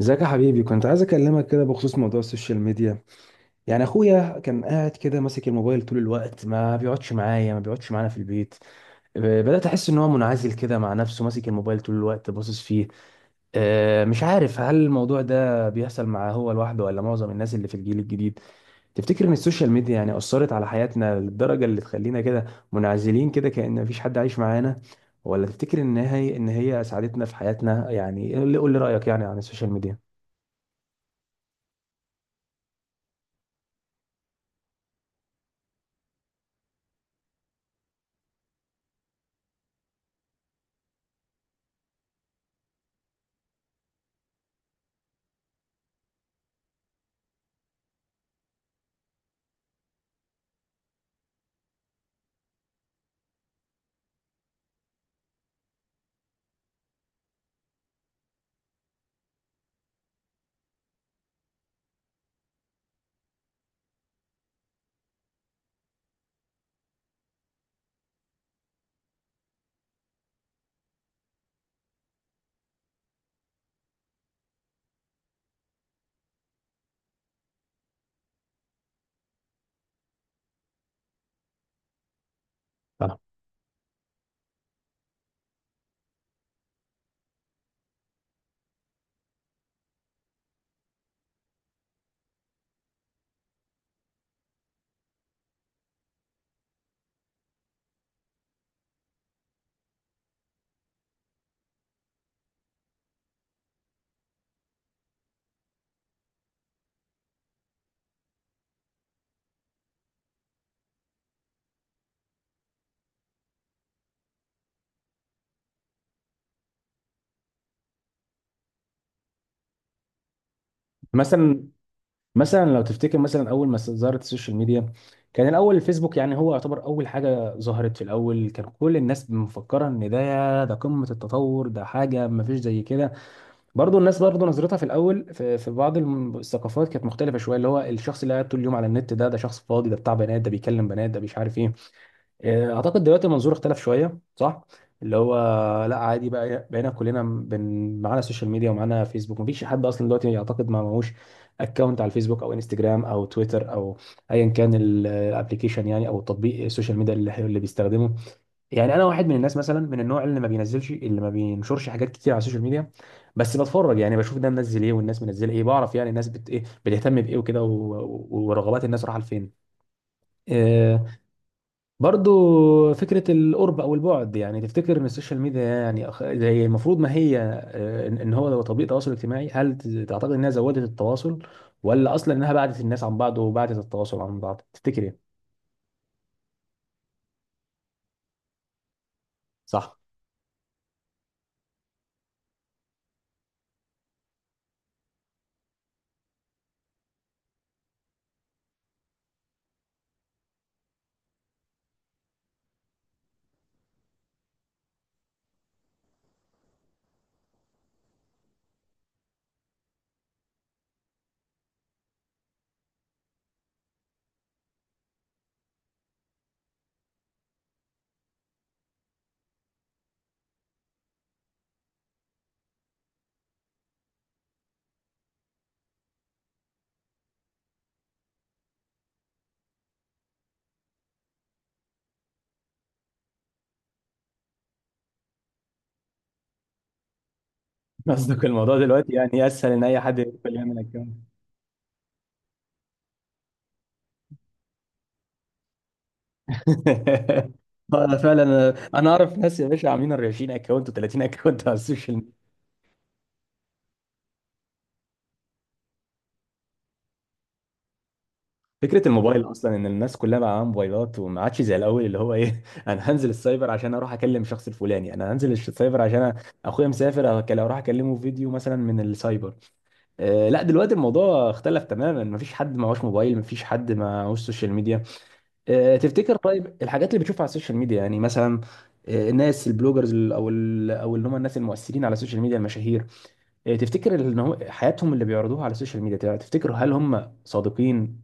ازيك يا حبيبي؟ كنت عايز اكلمك كده بخصوص موضوع السوشيال ميديا. يعني اخويا كان قاعد كده ماسك الموبايل طول الوقت، ما بيقعدش معايا، ما بيقعدش معانا في البيت. ب- بدأت احس ان هو منعزل كده مع نفسه، ماسك الموبايل طول الوقت باصص فيه. مش عارف هل الموضوع ده بيحصل معاه هو لوحده ولا معظم الناس اللي في الجيل الجديد. تفتكر ان السوشيال ميديا يعني أثرت على حياتنا للدرجة اللي تخلينا كده منعزلين كده كأن مفيش حد عايش معانا؟ ولا تفتكر ان هي ساعدتنا في حياتنا؟ يعني قول لي رأيك يعني عن السوشيال ميديا. مثلا مثلا لو تفتكر مثلا اول ما ظهرت السوشيال ميديا، كان الاول الفيسبوك، يعني هو يعتبر اول حاجه ظهرت. في الاول كان كل الناس مفكره ان ده قمه التطور، ده حاجه ما فيش زي كده. برضو الناس برضو نظرتها في الاول في بعض الثقافات كانت مختلفه شويه، اللي هو الشخص اللي قاعد طول اليوم على النت، ده شخص فاضي، ده بتاع بنات، ده بيكلم بنات، ده مش عارف ايه. اعتقد دلوقتي المنظور اختلف شويه، صح؟ اللي هو لا، عادي بقى، بقينا كلنا معانا السوشيال ميديا ومعانا فيسبوك، مفيش حد اصلا دلوقتي يعتقد ما معهوش اكونت على الفيسبوك او انستجرام او تويتر او ايا كان الابلكيشن، يعني او التطبيق السوشيال ميديا اللي بيستخدمه. يعني انا واحد من الناس مثلا، من النوع اللي ما بينزلش، اللي ما بينشرش حاجات كتير على السوشيال ميديا، بس بتفرج، يعني بشوف ده منزل ايه والناس منزله ايه، بعرف يعني الناس بت ايه، بتهتم بايه وكده، و... و- ورغبات الناس رايحه لفين. آه، برضو فكرة القرب أو البعد، يعني تفتكر إن السوشيال ميديا يعني هي المفروض، ما هي إن إن هو لو تطبيق تواصل اجتماعي، هل تعتقد إنها زودت التواصل، ولا أصلا إنها بعدت الناس عن بعض وبعدت التواصل عن بعض؟ تفتكر إيه؟ صح. قصدك الموضوع دلوقتي يعني أسهل إن أي حد يدخل يعمل أكونت. فعلا، أنا أعرف ناس يا باشا عاملين 40 أكونت و30 أكونت على السوشيال. فكرة الموبايل أصلا إن الناس كلها بقى معاها موبايلات وما عادش زي الأول، اللي هو إيه، أنا هنزل السايبر عشان أروح أكلم الشخص الفلاني، أنا هنزل السايبر عشان أخويا مسافر أروح أكلمه فيديو مثلا من السايبر. آه لا، دلوقتي الموضوع اختلف تماما، مفيش حد معهوش موبايل، مفيش حد معهوش سوشيال ميديا. آه، تفتكر طيب الحاجات اللي بتشوفها على السوشيال ميديا يعني مثلا، الناس البلوجرز، أو اللي هم الناس المؤثرين على السوشيال ميديا، المشاهير، إيه، تفتكر ان هو حياتهم اللي بيعرضوها على السوشيال ميديا تفتكر هل هم صادقين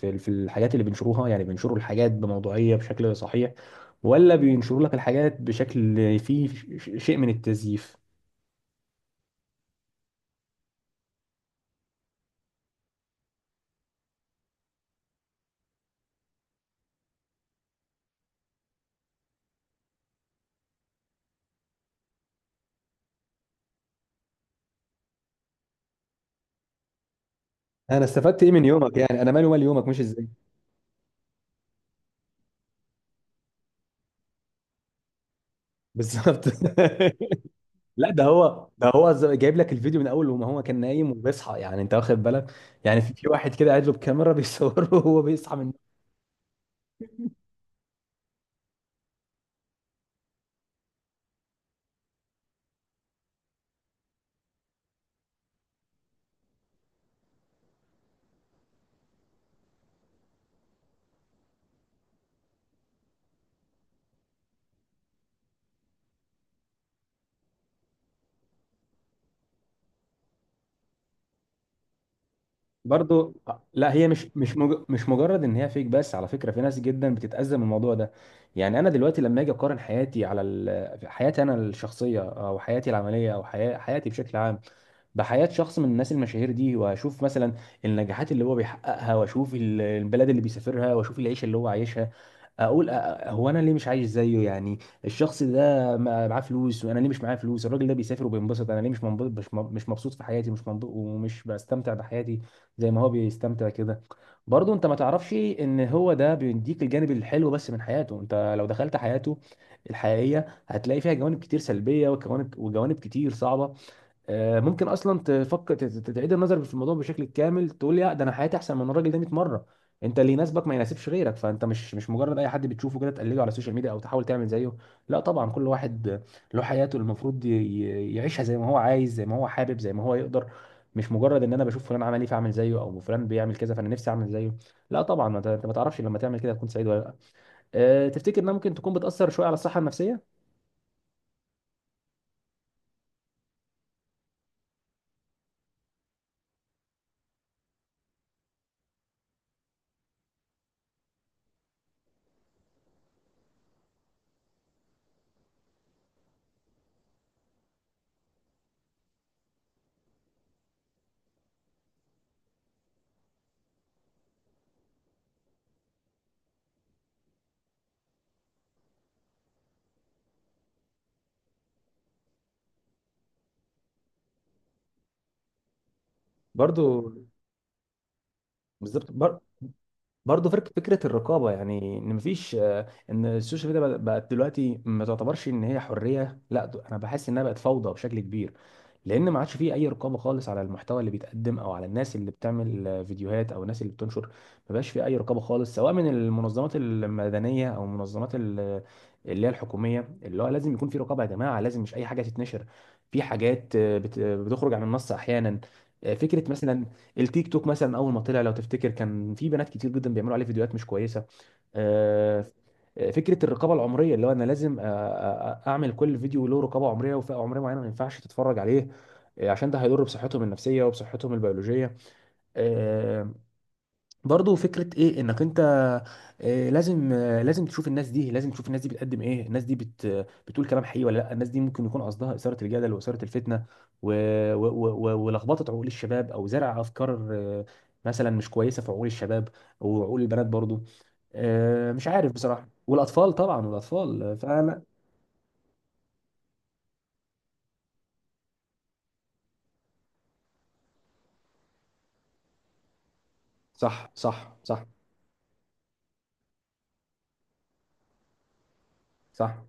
في الحاجات اللي بينشروها؟ يعني بينشروا الحاجات بموضوعية بشكل صحيح، ولا بينشروا لك الحاجات بشكل فيه شيء من التزييف؟ انا استفدت ايه من يومك؟ يعني انا مالي ومال يومك؟ مش ازاي؟ بالظبط. لا، ده هو، ده هو جايب لك الفيديو من اول وما هو كان نايم وبيصحى، يعني انت واخد بالك، يعني في واحد كده قاعد له بكاميرا بيصوره وهو بيصحى من. برضو لا، هي مش مجرد ان هي فيك بس، على فكره في ناس جدا بتتاذى من الموضوع ده. يعني انا دلوقتي لما اجي اقارن حياتي على حياتي انا الشخصيه او حياتي العمليه او حياتي بشكل عام بحياه شخص من الناس المشاهير دي، واشوف مثلا النجاحات اللي هو بيحققها، واشوف البلاد اللي بيسافرها، واشوف العيشه اللي هو عايشها، اقول هو انا ليه مش عايش زيه يعني. الشخص ده معاه فلوس وانا ليه مش معايا فلوس؟ الراجل ده بيسافر وبينبسط، انا ليه مش منبسط؟ مش مبسوط في حياتي، مش منبسط ومش بستمتع بحياتي زي ما هو بيستمتع كده. برضه انت ما تعرفش ان هو ده بيديك الجانب الحلو بس من حياته، انت لو دخلت حياته الحقيقية هتلاقي فيها جوانب كتير سلبية وجوانب كتير صعبة. ممكن اصلا تفكر تعيد النظر في الموضوع بشكل كامل، تقول يا ده انا حياتي احسن من الراجل ده 100 مره. انت اللي يناسبك ما يناسبش غيرك، فانت مش مجرد اي حد بتشوفه كده تقلده على السوشيال ميديا او تحاول تعمل زيه. لا طبعا، كل واحد له حياته اللي المفروض يعيشها زي ما هو عايز، زي ما هو حابب، زي ما هو يقدر، مش مجرد ان انا بشوف فلان عمل ايه فاعمل زيه، او فلان بيعمل كذا فانا نفسي اعمل زيه. لا طبعا، ما انت، أنت ما تعرفش لما تعمل كده تكون سعيد ولا لا. أه، تفتكر انها ممكن تكون بتاثر شويه على الصحه النفسيه؟ برضو. بالظبط. برضه فكره الرقابه، يعني ان مفيش ان السوشيال ميديا بقت دلوقتي، ما تعتبرش ان هي حريه، لا انا بحس انها بقت فوضى بشكل كبير، لان ما عادش فيه اي رقابه خالص على المحتوى اللي بيتقدم او على الناس اللي بتعمل فيديوهات او الناس اللي بتنشر. ما بقاش فيه اي رقابه خالص سواء من المنظمات المدنيه او المنظمات اللي هي الحكوميه. اللي هو لازم يكون في رقابه يا جماعه، لازم، مش اي حاجه تتنشر. في حاجات بتخرج عن النص احيانا. فكره مثلا التيك توك مثلا، اول ما طلع لو تفتكر كان في بنات كتير جدا بيعملوا عليه فيديوهات مش كويسه. آه، فكره الرقابه العمريه، اللي هو انا لازم اعمل كل فيديو له رقابه عمريه وفئه عمريه معينه ما ينفعش تتفرج عليه، عشان ده هيضر بصحتهم النفسيه وبصحتهم البيولوجيه. آه، برضه فكرة ايه انك انت لازم، لازم تشوف الناس دي، لازم تشوف الناس دي بتقدم ايه، الناس دي بتقول كلام حقيقي ولا لا، الناس دي ممكن يكون قصدها إثارة الجدل وإثارة الفتنة و... و... و... و- ولخبطة عقول الشباب او زرع افكار آه، مثلا مش كويسة في عقول الشباب وعقول البنات برضه. مش عارف بصراحة، والأطفال طبعا، والأطفال، فأنا صح، صح، صح. صح.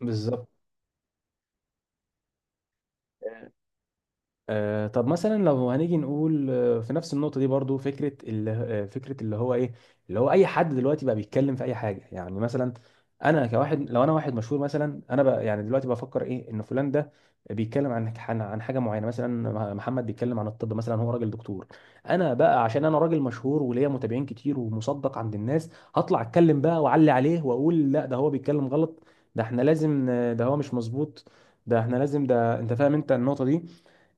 بالظبط. طب مثلا لو هنيجي نقول في نفس النقطة دي، برضو فكرة اللي فكرة اللي هو ايه، اللي هو اي حد دلوقتي بقى بيتكلم في اي حاجة، يعني مثلا انا كواحد، لو انا واحد مشهور مثلا، انا بقى يعني دلوقتي بفكر ايه، ان فلان ده بيتكلم عن حاجة معينة، مثلا محمد بيتكلم عن الطب مثلا، هو راجل دكتور، انا بقى عشان انا راجل مشهور وليا متابعين كتير ومصدق عند الناس، هطلع اتكلم بقى واعلي عليه واقول لا ده هو بيتكلم غلط، ده احنا لازم ده هو مش مظبوط، ده احنا لازم، ده انت فاهم انت النقطة دي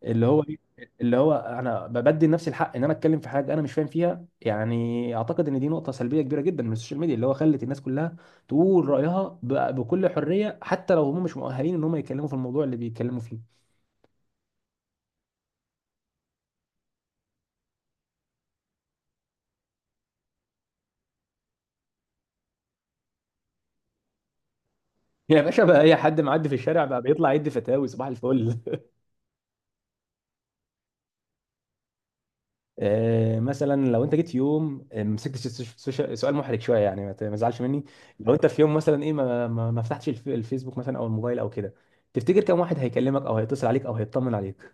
اللي هو إيه؟ اللي هو انا بدي لنفسي الحق ان انا اتكلم في حاجه انا مش فاهم فيها. يعني اعتقد ان دي نقطه سلبيه كبيره جدا من السوشيال ميديا، اللي هو خلت الناس كلها تقول رايها بكل حريه حتى لو هم مش مؤهلين ان هم يتكلموا في الموضوع اللي بيتكلموا فيه. يا باشا بقى اي حد معدي في الشارع بقى بيطلع يدي فتاوي صباح الفل. مثلا لو انت جيت في يوم مسكت سؤال محرج شويه يعني، ما ما تزعلش مني، لو انت في يوم مثلا ايه ما فتحتش الفيسبوك مثلا او الموبايل او كده، تفتكر كم واحد هيكلمك او هيتصل عليك او هيطمن عليك؟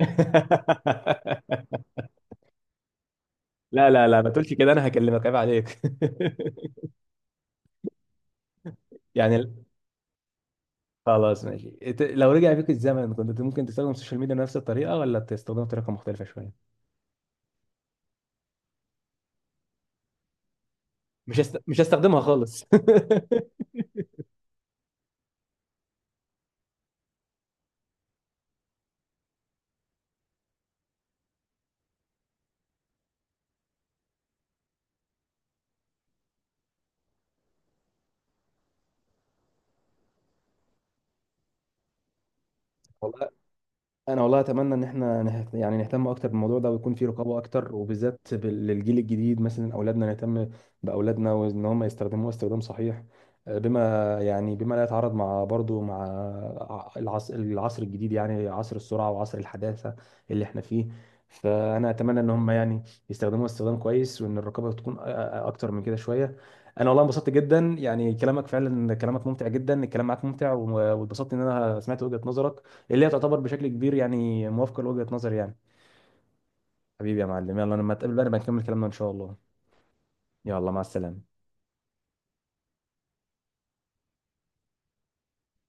لا ما تقولش كده، انا هكلمك، عيب عليك. يعني خلاص ماشي، لو رجع بيك الزمن كنت ممكن تستخدم السوشيال ميديا بنفس الطريقه ولا تستخدمها بطريقه مختلفه شويه؟ مش هستخدمها خالص. والله انا والله اتمنى ان احنا يعني نهتم اكتر بالموضوع ده ويكون في رقابه اكتر، وبالذات للجيل الجديد مثلا، اولادنا نهتم باولادنا، وان هم يستخدموها استخدام صحيح بما يعني بما لا يتعارض مع برضو مع العصر، الجديد يعني، عصر السرعه وعصر الحداثه اللي احنا فيه. فانا اتمنى ان هم يعني يستخدموها استخدام كويس، وان الرقابه تكون اكتر من كده شويه. انا والله انبسطت جدا يعني، كلامك فعلا، كلامك ممتع جدا، الكلام معاك ممتع، و- واتبسطت ان انا سمعت وجهه نظرك اللي هي تعتبر بشكل كبير يعني موافقة لوجهة نظري يعني. حبيبي يا معلم، يلا لما تقابل بقى نبقى نكمل كلامنا إن شاء الله. يلا مع السلامة.